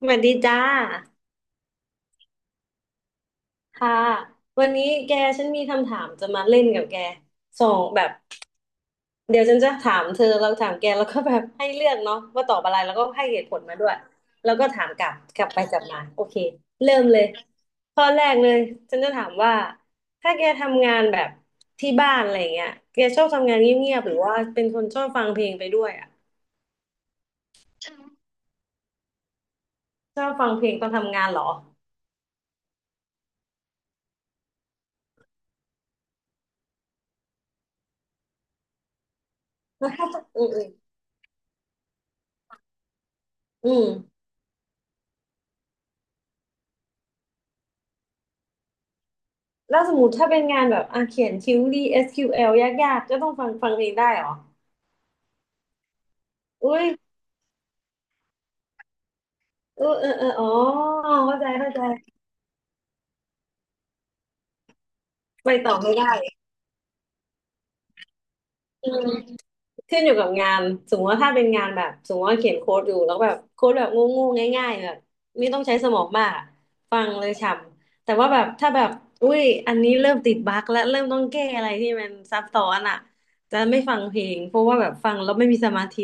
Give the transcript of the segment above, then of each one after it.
สวัสดีจ้าค่ะวันนี้แกฉันมีคำถามจะมาเล่นกับแกสองแบบเดี๋ยวฉันจะถามเธอแล้วถามแกแล้วก็แบบให้เลือกเนาะว่าตอบอะไรแล้วก็ให้เหตุผลมาด้วยแล้วก็ถามกลับไปกลับมาโอเคเริ่มเลยข้อแรกเลยฉันจะถามว่าถ้าแกทำงานแบบที่บ้านอะไรเงี้ยแกชอบทำงานเงียบๆหรือว่าเป็นคนชอบฟังเพลงไปด้วยอ่ะชอบฟังเพลงตอนทำงานเหรอ อืมอืมอืม แล้วสมมติถ้าเป็นงานแบบอ่ะเขียนคิวรี SQL ยากๆก็ต้องฟังเองได้เหรอ อุ้ยเออเออเอออ๋อเข้าใจเข้าใจ ไปต่อไม่ได้อืม ขึ้นอยู่กับงานสมมติว่าถ้าเป็นงานแบบสมมติว่าเขียนโค้ดอยู่แล้วแบบโค้ดแบบงูงูง่ายๆแบบไม่ต้องใช้สมองมากอะฟังเลยฉ่ำแต่ว่าแบบถ้าแบบอุ้ยอันนี้เริ่มติดบั๊กและเริ่มต้องแก้อะไรที่มันซับซ้อนอ่ะจะไม่ฟังเพลงเพราะว่าแบบฟังแล้วไม่มีสมาธิ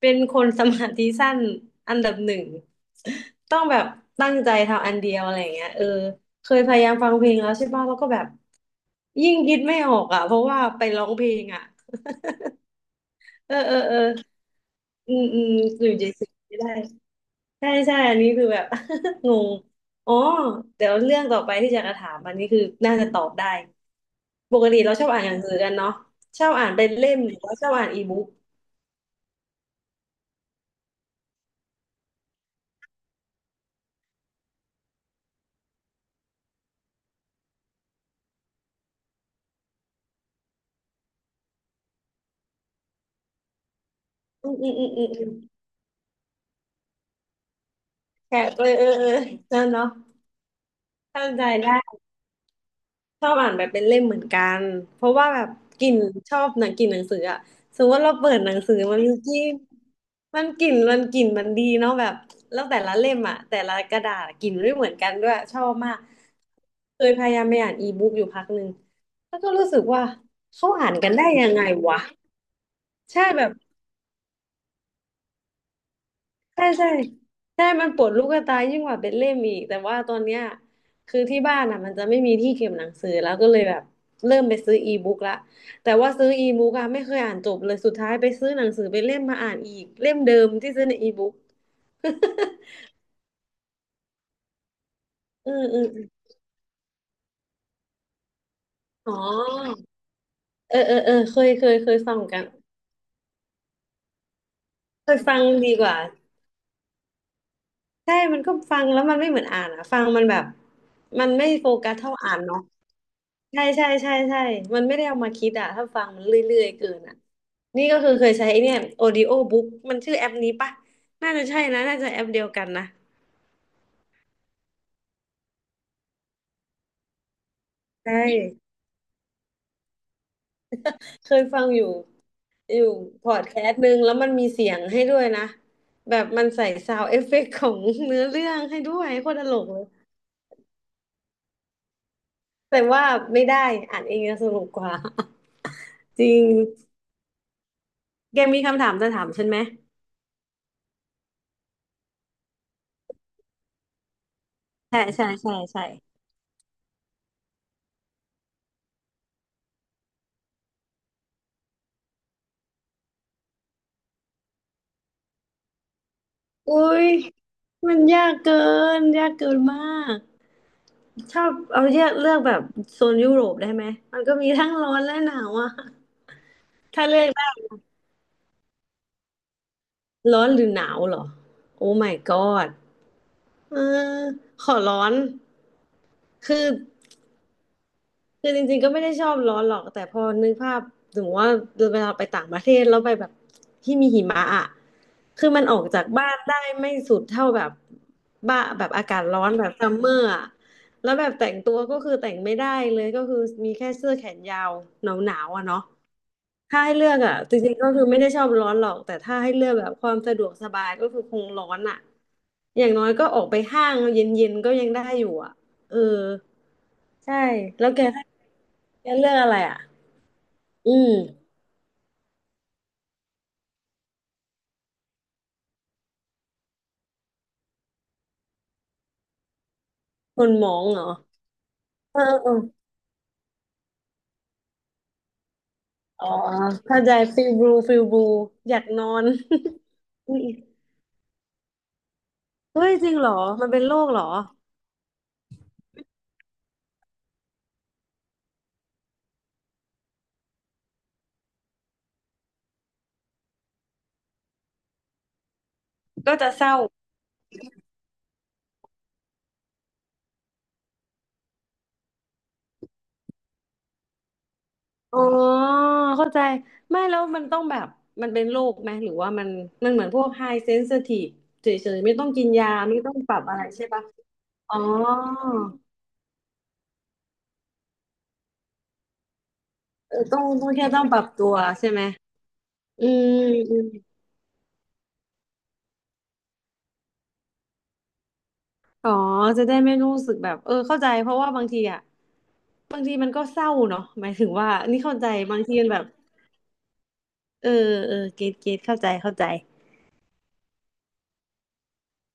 เป็นคนสมาธิสั้นอันดับหนึ่งต้องแบบตั้งใจทำอันเดียวอะไรอย่างเงี้ยเออเคยพยายามฟังเพลงแล้วใช่ป่ะแล้วก็แบบยิ่งคิดไม่ออกอ่ะเพราะว่าไปร้องเพลงอ่ะ เออเออเอออืมอืมอยู่เฉยๆไม่ได้ใช่ใช่อันนี้คือแบบ งงอ๋อเดี๋ยวเรื่องต่อไปที่จะกระถามอันนี้คือน่าจะตอบได้ ปกติเราชอบอ่านหนังสือกันเนาะชอบอ่านเป็นเล่มหรือว่าชอบอ่านอีบุ๊กอืมอืมอืมอืมอืมแค่เออเออเออนั่นเนาะเข้าใจได้ ชอบอ่านแบบเป็นเล่มเหมือนกัน เพราะว่าแบบกลิ่นชอบหนังกลิ่นหนังสืออะสมมติว่าเราเปิดหนังสือมันมีกลิ่นมันกลิ่นมันดีเนาะแบบแล้วแต่ละเล่มอะแต่ละกระดาษกลิ่นไม่เหมือนกันด้วยชอบมากเคยพยายามไปอ่านอีบุ๊กอยู่พักหนึ่งแล้วก็รู้สึกว่าเขาอ่านกันได้ยังไงวะ ใช่แบบ ใช่ใช่ใช่มันปวดลูกตายิ่งกว่าเป็นเล่มอีกแต่ว่าตอนเนี้ยคือที่บ้านอ่ะมันจะไม่มีที่เก็บหนังสือแล้วก็เลยแบบเริ่มไปซื้ออีบุ๊กละแต่ว่าซื้ออีบุ๊กอะไม่เคยอ่านจบเลยสุดท้ายไปซื้อหนังสือเป็นเล่มมาอ่านอีกเล่มเดิมที่ซื้อในอีบุ๊ก อืมอืมอมอ๋อเออเออเออเคยฟังเหมือนกันเคยฟังดีกว่า ใช่มันก็ฟังแล้วมันไม่เหมือนอ่านอ่ะฟังมันแบบมันไม่โฟกัสเท่าอ่านเนาะ ใช่ใช่ใช่ใช่ มันไม่ได้เอามาคิดอะถ้าฟังมันเรื่อยๆเกินอะนี่ก็คือเคยใช้ไอ้เนี่ย Audio Book มันชื่อแอปนี้ปะน่าจะใช่นะ น่าจะแอปเดียวกันนะ ใช่ เคยฟังอยู่อยู่พอดแคสต์หนึ่งแล้วมันมีเสียงให้ด้วยนะ แบบมันใส่ซาว n d เอฟเฟกต์ของเนื้อเรื่องให้ด้วยโคตรตลกเลย แต่ว่าไม่ได้อ่านเองจะสนุกกว่า จริง แกมีคำถามจะถามฉันไหมใช่ใช่ใช่ใช่อุ้ยมันยากเกินมาก ชอบเอาเลือกแบบโซนยุโรปได้ไหม มันก็มีทั้งร้อนและหนาวอะถ้าเลือกได้ร้อนหรือหนาวเหรอ โอ้ my god เออขอร้อน คือ คือจริงๆก็ไม่ได้ชอบร้อนหรอกแต่พอนึกภาพสมมติว่าเวลาไปต่างประเทศแล้วไปแบบที่มีหิมะอ่ะคือมันออกจากบ้านได้ไม่สุดเท่าแบบบ้าแบบอากาศร้อนแบบซัมเมอร์อ่ะแล้วแบบแต่งตัวก็คือแต่งไม่ได้เลยก็คือมีแค่เสื้อแขนยาวหนาวๆอ่ะเนาะถ้าให้เลือกอ่ะจริงๆก็คือไม่ได้ชอบร้อนหรอกแต่ถ้าให้เลือกแบบความสะดวกสบายก็คือคงร้อนอ่ะอย่างน้อยก็ออกไปห้างเย็นๆก็ยังได้อยู่อ่ะเออใช่แล้วแกถ้าแกเลือกอะไรอ่ะ อืมคนหมองเหรอเออเอออ๋อเข้าใจฟิลบลูฟิลบลูอยากนอน อุ๊ยเฮ้ยจริงเหรอมันเป็นโรคเหรอก็จะเศร้าอ๋อเข้าใจไม่แล้วมันต้องแบบมันเป็นโรคไหมหรือว่ามันมันเหมือนพวกไฮเซนซิทีฟเฉยๆไม่ต้องกินยาไม่ต้องปรับอะไรใช่ปะอ๋อเออต้องต้องแค่ต้องปรับตัวใช่ไหมอืม อ๋อจะได้ไม่รู้สึกแบบเออเข้าใจเพราะว่าบางทีอ่ะบางทีมันก็เศร้าเนาะหมายถึงว่านี่เข้าใจบางทีมันแบบเออเออเกตเกตเข้าใจเข้าใจ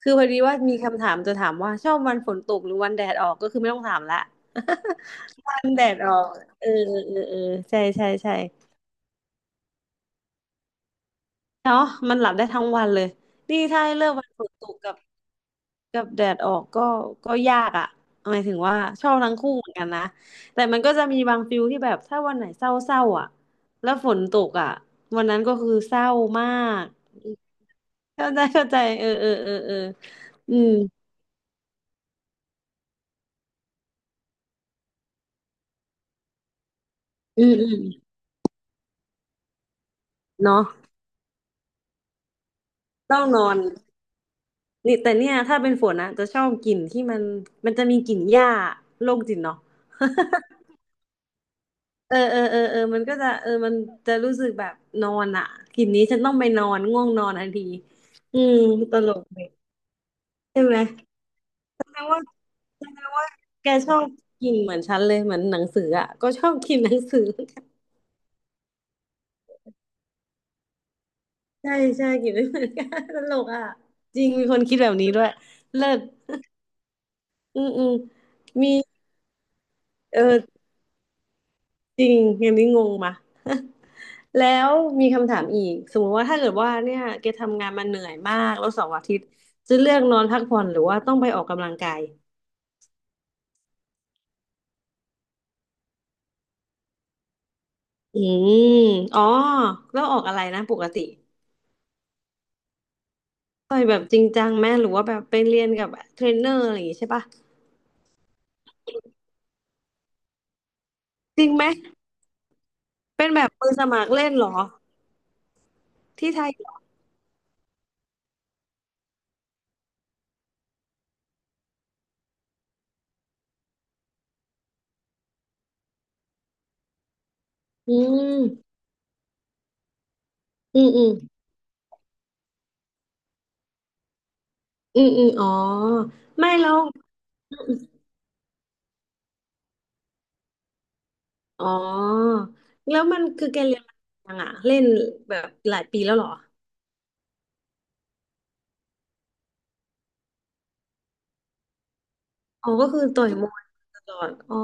คือพอดีว่ามีคำถามจะถามว่าชอบวันฝนตกหรือวันแดดออกก็คือไม่ต้องถามละ วันแดดออกเออเออเออเออใช่ใช่ใช่เนาะมันหลับได้ทั้งวันเลยนี่ถ้าให้เลือกวันฝนตกกับ กับแดดออกก็ก็ยากอ่ะหมายถึงว่าชอบทั้งคู่เหมือนกันนะ แต่มันก็จะมีบางฟิลที่แบบถ้าวันไหนเศร้าๆอ่ะแล้วฝนตกอ่ะวันนั้นก็คือเศร้ามากเข้าใจเข้าใจเออเออเออเอออืมอืมอืมเนาะต้องนอนนี่แต่เนี่ยถ้าเป็นฝนนะจะชอบกลิ่นที่มันมันจะมีกลิ่นหญ้าโรคจิตเนาะ เออเออเออเออมันก็จะเออมันจะรู้สึกแบบนอนอ่ะกลิ่นนี้ฉันต้องไปนอนง่วงนอนทันทีอืมตลกเลยใช่ไหมแสดงว่าแสดงว่าแกชอบกลิ่นเหมือนฉันเลยเหมือนหนังสืออ่ะก็ชอบกลิ่นหนังสือใช่ใช่กลิ่นไม่เหมือนกันตลกอ่ะจริงมีคนคิดแบบนี้ด้วยเลิศอืมอืมมีเออจริงอย่างนี้งงมา แล้วมีคำถามอีกสมมติว่าถ้าเกิดว่าเนี่ยแกทำงานมาเหนื่อยมากแล้วเสาร์อาทิตย์จะเลือกนอนพักผ่อนหรือว่าต้องไปออกกำลังกายอืมอ๋อแล้วออกอะไรนะปกติต่อยแบบจริงจังไหมหรือว่าแบบไปเรียนกับเทรนเนอร์อะไรอย่างงี้ใช่ปะจริงไหมเป็นแบบมือสมัครเล่นเหรอที่ไทยเหรออืมอืมอืมอืมอืมอ๋อไม่แล้วอ๋อแล้วมันคือแกเรียนมายังอ่ะเล่นแบบหลายปีแล้วเหรอ อ๋อก็คือต่อยมวยตลอดอ๋อ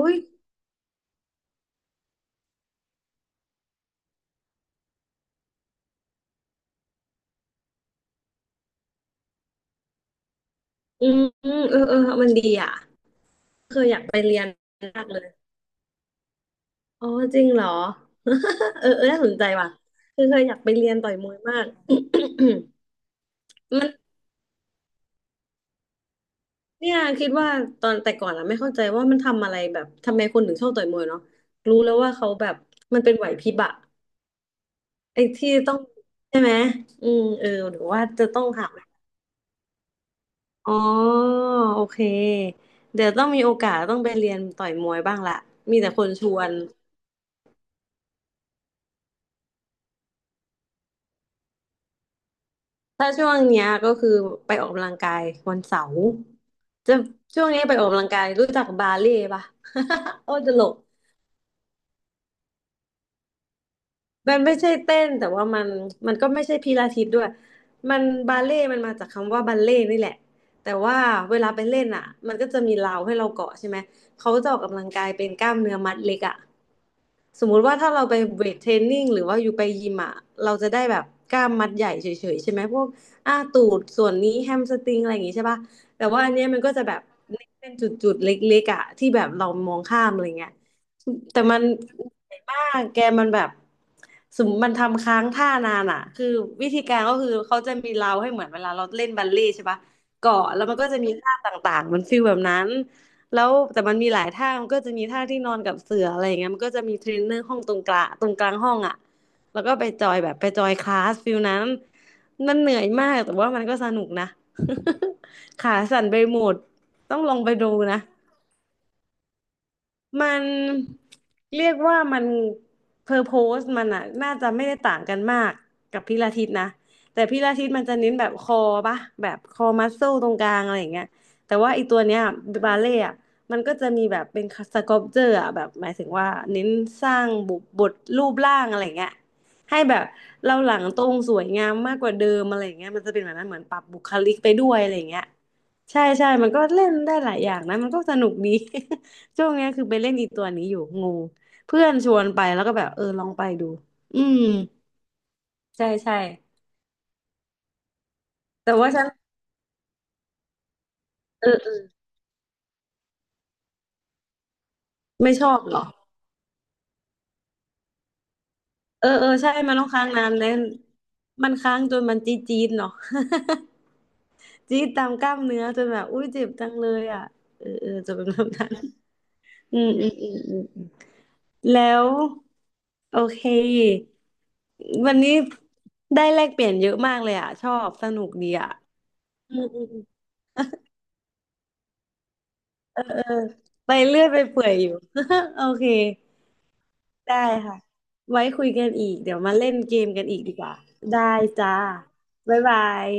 อุ้ยอืมอืมเออเออ มันดีอ่ะ เคยอยากไปเรียนมากเลยอ๋อจริงเหรอ เออเออน่าสนใจว่ะคือเคยอยากไปเรียนต่อยมวยมาก มันเนี่ยคิดว่าตอนแต่ก่อนอะไม่เข้าใจว่ามันทำอะไรแบบทำไมคนถึงชอบต่อยมวยเนาะรู้แล้วว่าเขาแบบมันเป็นไหวพริบอะไอ้ที่ต้องใช่ไหมอืมเออหรือว่าจะต้องหา อ๋อโอเคเดี๋ยวต้องมีโอกาสต้องไปเรียนต่อยมวยบ้างละมีแต่คนชวนถ้าช่วงเนี้ยก็คือไปออกกำลังกายวันเสาร์จะช่วงนี้ไปออกกำลังกายรู้จักบาเล่ปะ โอ้ตลก มันไม่ใช่เต้นแต่ว่ามันมันก็ไม่ใช่พิลาทิสด้วยมันบาเล่ต์มันมาจากคำว่าบัลเล่ต์นี่แหละแต่ว่าเวลาไปเล่นอ่ะมันก็จะมีราวให้เราเกาะใช่ไหมเขาจะออกกำลังกายเป็นกล้ามเนื้อมัดเล็กอ่ะสมมุติว่าถ้าเราไปเวทเทรนนิ่งหรือว่าอยู่ไปยิมอ่ะเราจะได้แบบกล้ามมัดใหญ่เฉยๆใช่ไหมพวกอ่าตูดส่วนนี้แฮมสตริงอะไรอย่างงี้ใช่ป่ะแต่ว่าอันเนี้ยมันก็จะแบบเป็นจุดๆเล็กๆอ่ะที่แบบเรามองข้ามอะไรเงี้ย แต่มันเหนื่อยมากแกมันแบบสมมติมันทำค้างท่านานอ่ะคือวิธีการก็คือเขาจะมีเราให้เหมือนเวลาเราเล่นบัลเล่ต์ใช่ปะเกาะแล้วมันก็จะมีท่าต่างๆมันฟีลแบบนั้นแล้วแต่มันมีหลายท่ามันก็จะมีท่าที่นอนกับเสืออะไรอย่างเงี้ยมันก็จะมีเทรนเนอร์ห้องตรงกลางห้องอ่ะแล้วก็ไปจอยแบบไปจอยคลาสฟีลนั้นมันเหนื่อยมากแต่ว่ามันก็สนุกนะ ขาสั่นไปหมดต้องลองไปดูนะ มันเรียกว่ามันเพอร์โพสมันอะน่าจะไม่ได้ต่างกันมากกับพิลาทิสนะแต่พิลาทิสมันจะเน้นแบบคอปะแบบคอมัสเซลตรงกลางอะไรอย่างเงี้ยแต่ว่าไอีตัวเนี้ยบาเล่อะมันก็จะมีแบบเป็นสก u ล p เจอร์อะแบบหมายถึงว่าเน้นสร้างบุบทรูปร่างอะไรอย่างเงี้ยให้แบบเราหลังตรงสวยงามมากกว่าเดิมอะไรอย่างเงี้ยมันจะเป็นแบบนั้นเหมือนปรับบุคลิกไปด้วยอะไรอย่างเงี้ยใช่ใช่มันก็เล่นได้หลายอย่างนะมันก็สนุกดี ช่วงเนี้ยคือไปเล่นอีตัวนี้อยู่งูเพื่อนชวนไปแล้วก็แบบเออลองไปดูอืมใช่ใช่แต่ว่าฉันเออเออไม่ชอบเหรอเออเออใช่มันต้องค้างนานแล้วมันค้างจนมันจี๊ดจี๊ดเนาะ จี๊ดตามกล้ามเนื้อจนแบบอุ้ยเจ็บจังเลยอ่ะเออเออจะเป็นแบบนั้นอืมอืมอืมอืมอืมแล้วโอเควันนี้ได้แลกเปลี่ยนเยอะมากเลยอ่ะชอบสนุกดีอ่ะอืมอืม เออไปเรื่อยไปเปื่อยอยู่ โอเคได้ค่ะไว้คุยกันอีกเดี๋ยวมาเล่นเกมกันอีกดีกว่าได้จ้าบ๊ายบาย